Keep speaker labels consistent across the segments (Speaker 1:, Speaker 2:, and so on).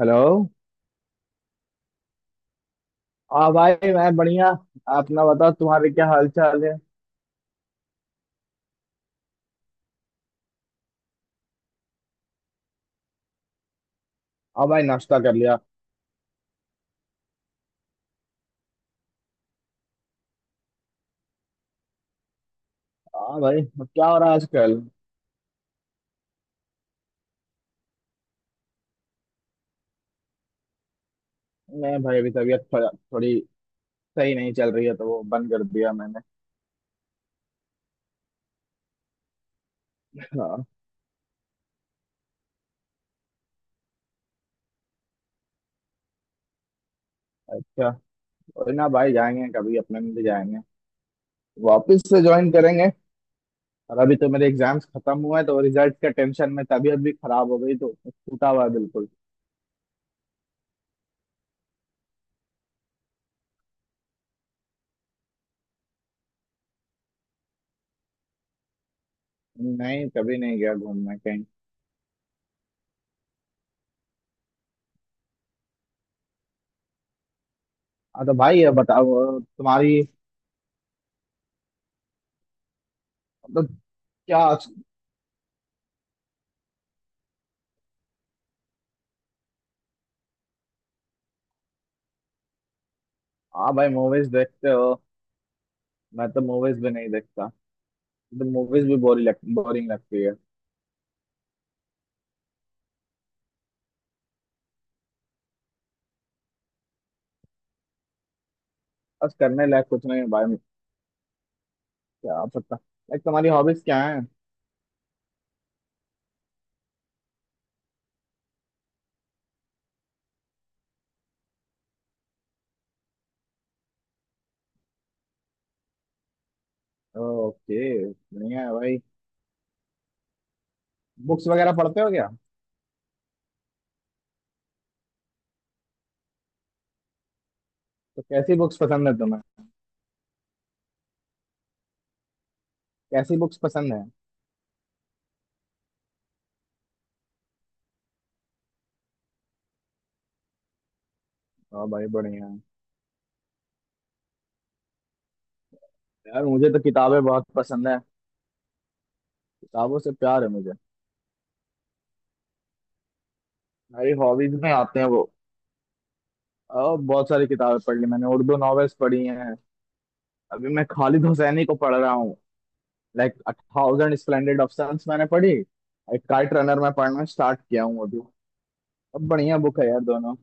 Speaker 1: Hello. हाँ भाई मैं बढ़िया। अपना बताओ, तुम्हारे क्या हाल चाल है। हाँ भाई, नाश्ता कर लिया। हाँ भाई क्या हो रहा है आजकल। मैं भाई अभी तबीयत थोड़ा थोड़ी सही नहीं चल रही है, तो वो बंद कर दिया मैंने। हाँ। क्या? कोई ना भाई, जाएंगे कभी अपने, मिल जाएंगे। वापस से ज्वाइन करेंगे। और अभी तो मेरे एग्जाम्स खत्म हुए हैं, तो रिजल्ट का टेंशन में तबीयत भी खराब हो गई, तो टूटा हुआ है बिल्कुल। नहीं, कभी नहीं गया घूमने कहीं। हाँ तो भाई ये बताओ तुम्हारी। मतलब? क्या? हाँ भाई, मूवीज देखते हो। मैं तो मूवीज भी नहीं देखता। तो मूवीज भी बोरिंग लगती है। बस करने लायक कुछ नहीं है भाई। क्या आप सकता लाइक, तुम्हारी हॉबीज क्या है। ओके। बढ़िया है भाई। बुक्स वगैरह पढ़ते हो क्या। तो कैसी बुक्स पसंद है तुम्हें। कैसी बुक्स पसंद है। हाँ भाई बढ़िया है। यार मुझे तो किताबें बहुत पसंद है। किताबों से प्यार है मुझे। मेरी हॉबीज में आते हैं वो। और बहुत सारी किताबें पढ़ ली मैंने, उर्दू नॉवेल्स पढ़ी हैं। अभी मैं खालिद हुसैनी को पढ़ रहा हूँ। लाइक थाउजेंड स्प्लेंडेड ऑफ मैंने पढ़ी। एक काइट रनर मैं पढ़ना स्टार्ट किया हूँ अभी। अब बढ़िया बुक है यार दोनों।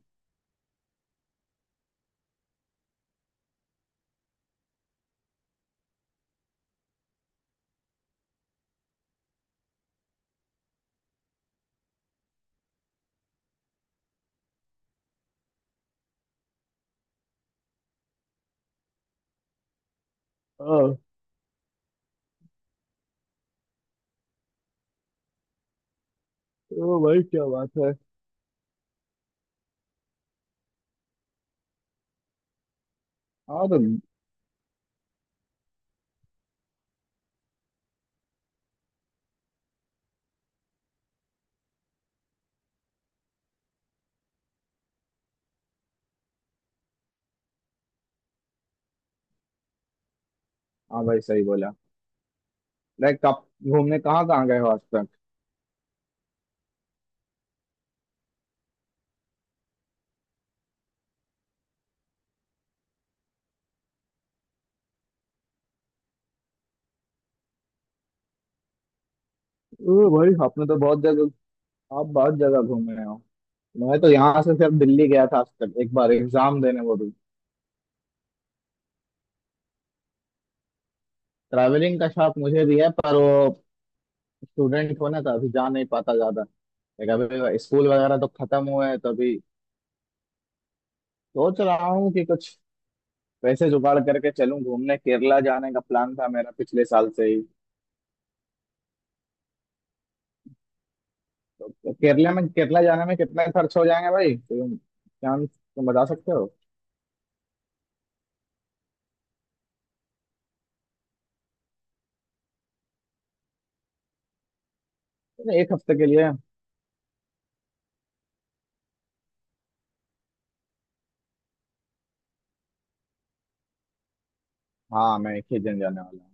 Speaker 1: ओ। ओ भाई क्या बात है। हाँ तो। हाँ भाई सही बोला। लाइक आप घूमने कहाँ कहाँ गए हो आज तक। ओ भाई आपने तो बहुत जगह, आप बहुत जगह घूमे हो। मैं तो यहाँ से सिर्फ दिल्ली गया था आज तक, एक बार एग्जाम देने, वो भी। ट्रैवलिंग का शौक मुझे भी है, पर वो स्टूडेंट होना था, अभी जा नहीं पाता ज्यादा। लाइक अभी स्कूल वगैरह तो खत्म हुए हैं, तो अभी सोच रहा हूँ कि कुछ पैसे जुगाड़ करके चलूँ घूमने। केरला जाने का प्लान था मेरा पिछले साल से ही। केरला में, केरला जाने में कितना खर्च हो जाएंगे भाई, तुम चांस तुम बता सकते हो। अरे एक हफ्ते के लिए। हाँ, मैं एक ही दिन जाने वाला हूँ।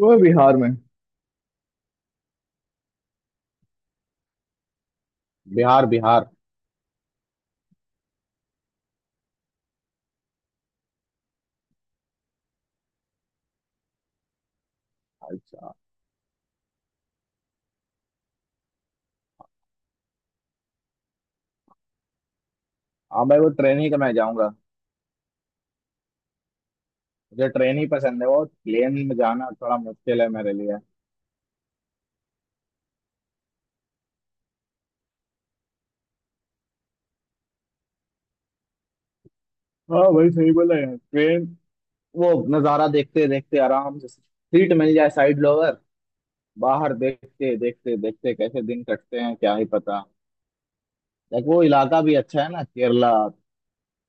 Speaker 1: वो बिहार में। बिहार, बिहार। अच्छा। हाँ भाई, वो ट्रेन ही तो मैं जाऊंगा। मुझे ट्रेन ही पसंद है, वो प्लेन में जाना थोड़ा मुश्किल है मेरे लिए। हाँ भाई सही बोला यार, ट्रेन। वो नजारा देखते देखते, आराम से सीट मिल जाए साइड लोअर, बाहर देखते देखते देखते कैसे दिन कटते हैं क्या ही पता। लाइक वो इलाका भी अच्छा है ना केरला,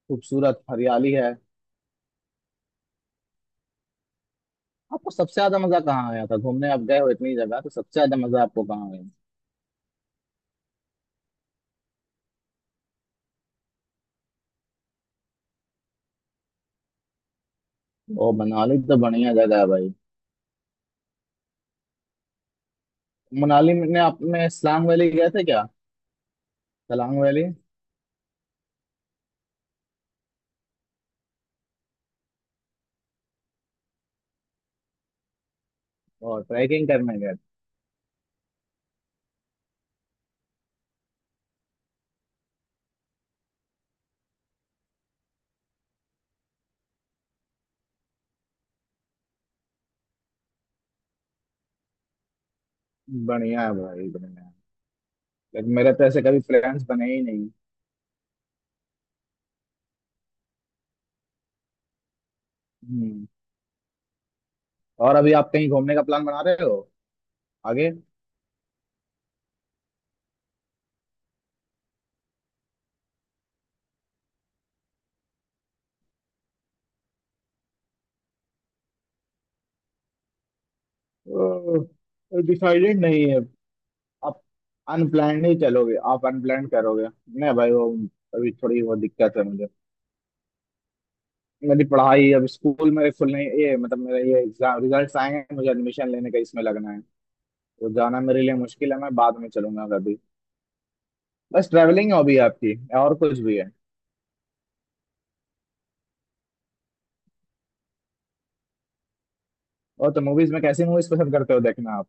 Speaker 1: खूबसूरत हरियाली है। आपको सबसे ज्यादा मजा कहाँ आया था घूमने, आप गए हो इतनी जगह, तो सबसे ज्यादा मजा आपको कहाँ आया। ओ मनाली तो बढ़िया जगह है भाई। मनाली में आप में सलांग वैली गए थे क्या। सलांग वैली। और ट्रैकिंग करने गए थे? बढ़िया है भाई, बढ़िया है। लेकिन मेरे तो ऐसे कभी फ्रेंड्स बने ही नहीं। हम्म। और अभी आप कहीं घूमने का प्लान बना रहे हो आगे। डिसाइडेड नहीं है। आप अनप्लान्ड ही चलोगे, आप अनप्लान्ड करोगे। नहीं भाई वो अभी थोड़ी वो दिक्कत है मुझे। मेरी पढ़ाई अब स्कूल में खुलने, ये मतलब मेरे ये एग्जाम रिजल्ट्स आए हैं, मुझे एडमिशन लेने का इसमें लगना है। तो जाना मेरे लिए मुश्किल है, मैं बाद में चलूंगा कभी। बस ट्रैवलिंग हॉबी है आपकी, और कुछ भी है। और तो मूवीज में कैसी मूवीज पसंद करते हो देखना आप।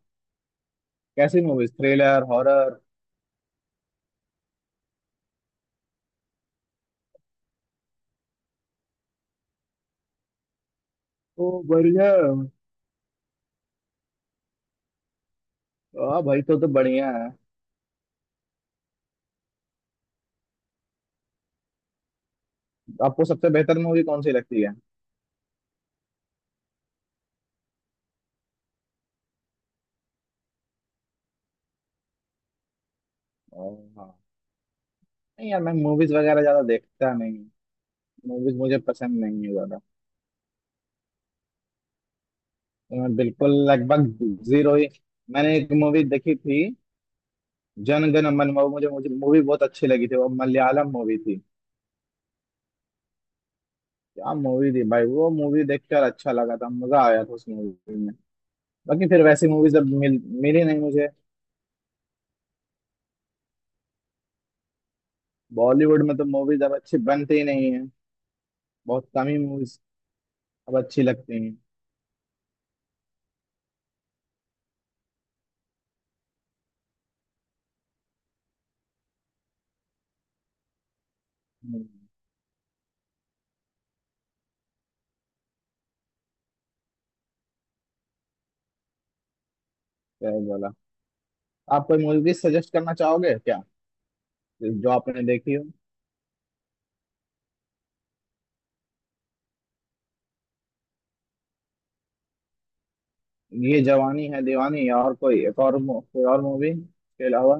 Speaker 1: कैसी मूवीज, थ्रिलर, हॉरर? ओ बढ़िया। हाँ भाई, तो बढ़िया है। आपको सबसे बेहतर मूवी कौन सी लगती है। ओ, हाँ। नहीं यार, मैं मूवीज वगैरह ज्यादा देखता नहीं। मूवीज मुझे पसंद नहीं है ज्यादा। तो मैं बिल्कुल लगभग जीरो ही। मैंने एक मूवी देखी थी, जन गण मन। वो मुझे मुझे मूवी बहुत अच्छी लगी थी, वो मलयालम मूवी थी। क्या मूवी थी भाई, वो मूवी देखकर अच्छा लगा था, मजा आया था उस मूवी में। बाकी फिर वैसी मूवीज अब मिली नहीं मुझे। बॉलीवुड में तो मूवीज अब अच्छी बनती ही नहीं है। बहुत कम ही मूवीज अब अच्छी लगती हैं। हम्म। क्या ही बोला। आप कोई मूवी सजेस्ट करना चाहोगे क्या, जो आपने देखी हो। ये जवानी है दीवानी, या और कोई, कोई और मूवी के अलावा।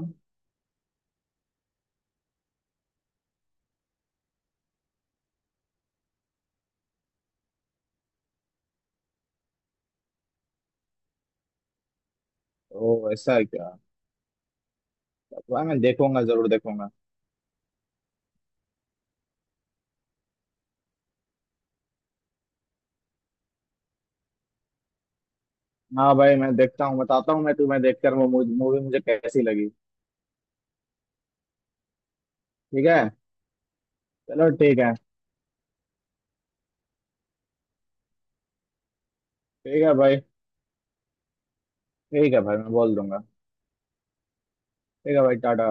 Speaker 1: ओ ऐसा है क्या। वाह, मैं देखूंगा, जरूर देखूंगा। हाँ भाई, मैं देखता हूँ, बताता हूँ मैं तुम्हें देखकर वो मूवी मुझे कैसी लगी। ठीक है। चलो ठीक है। ठीक है भाई, ठीक है भाई, मैं बोल दूंगा। ठीक है भाई, टाटा।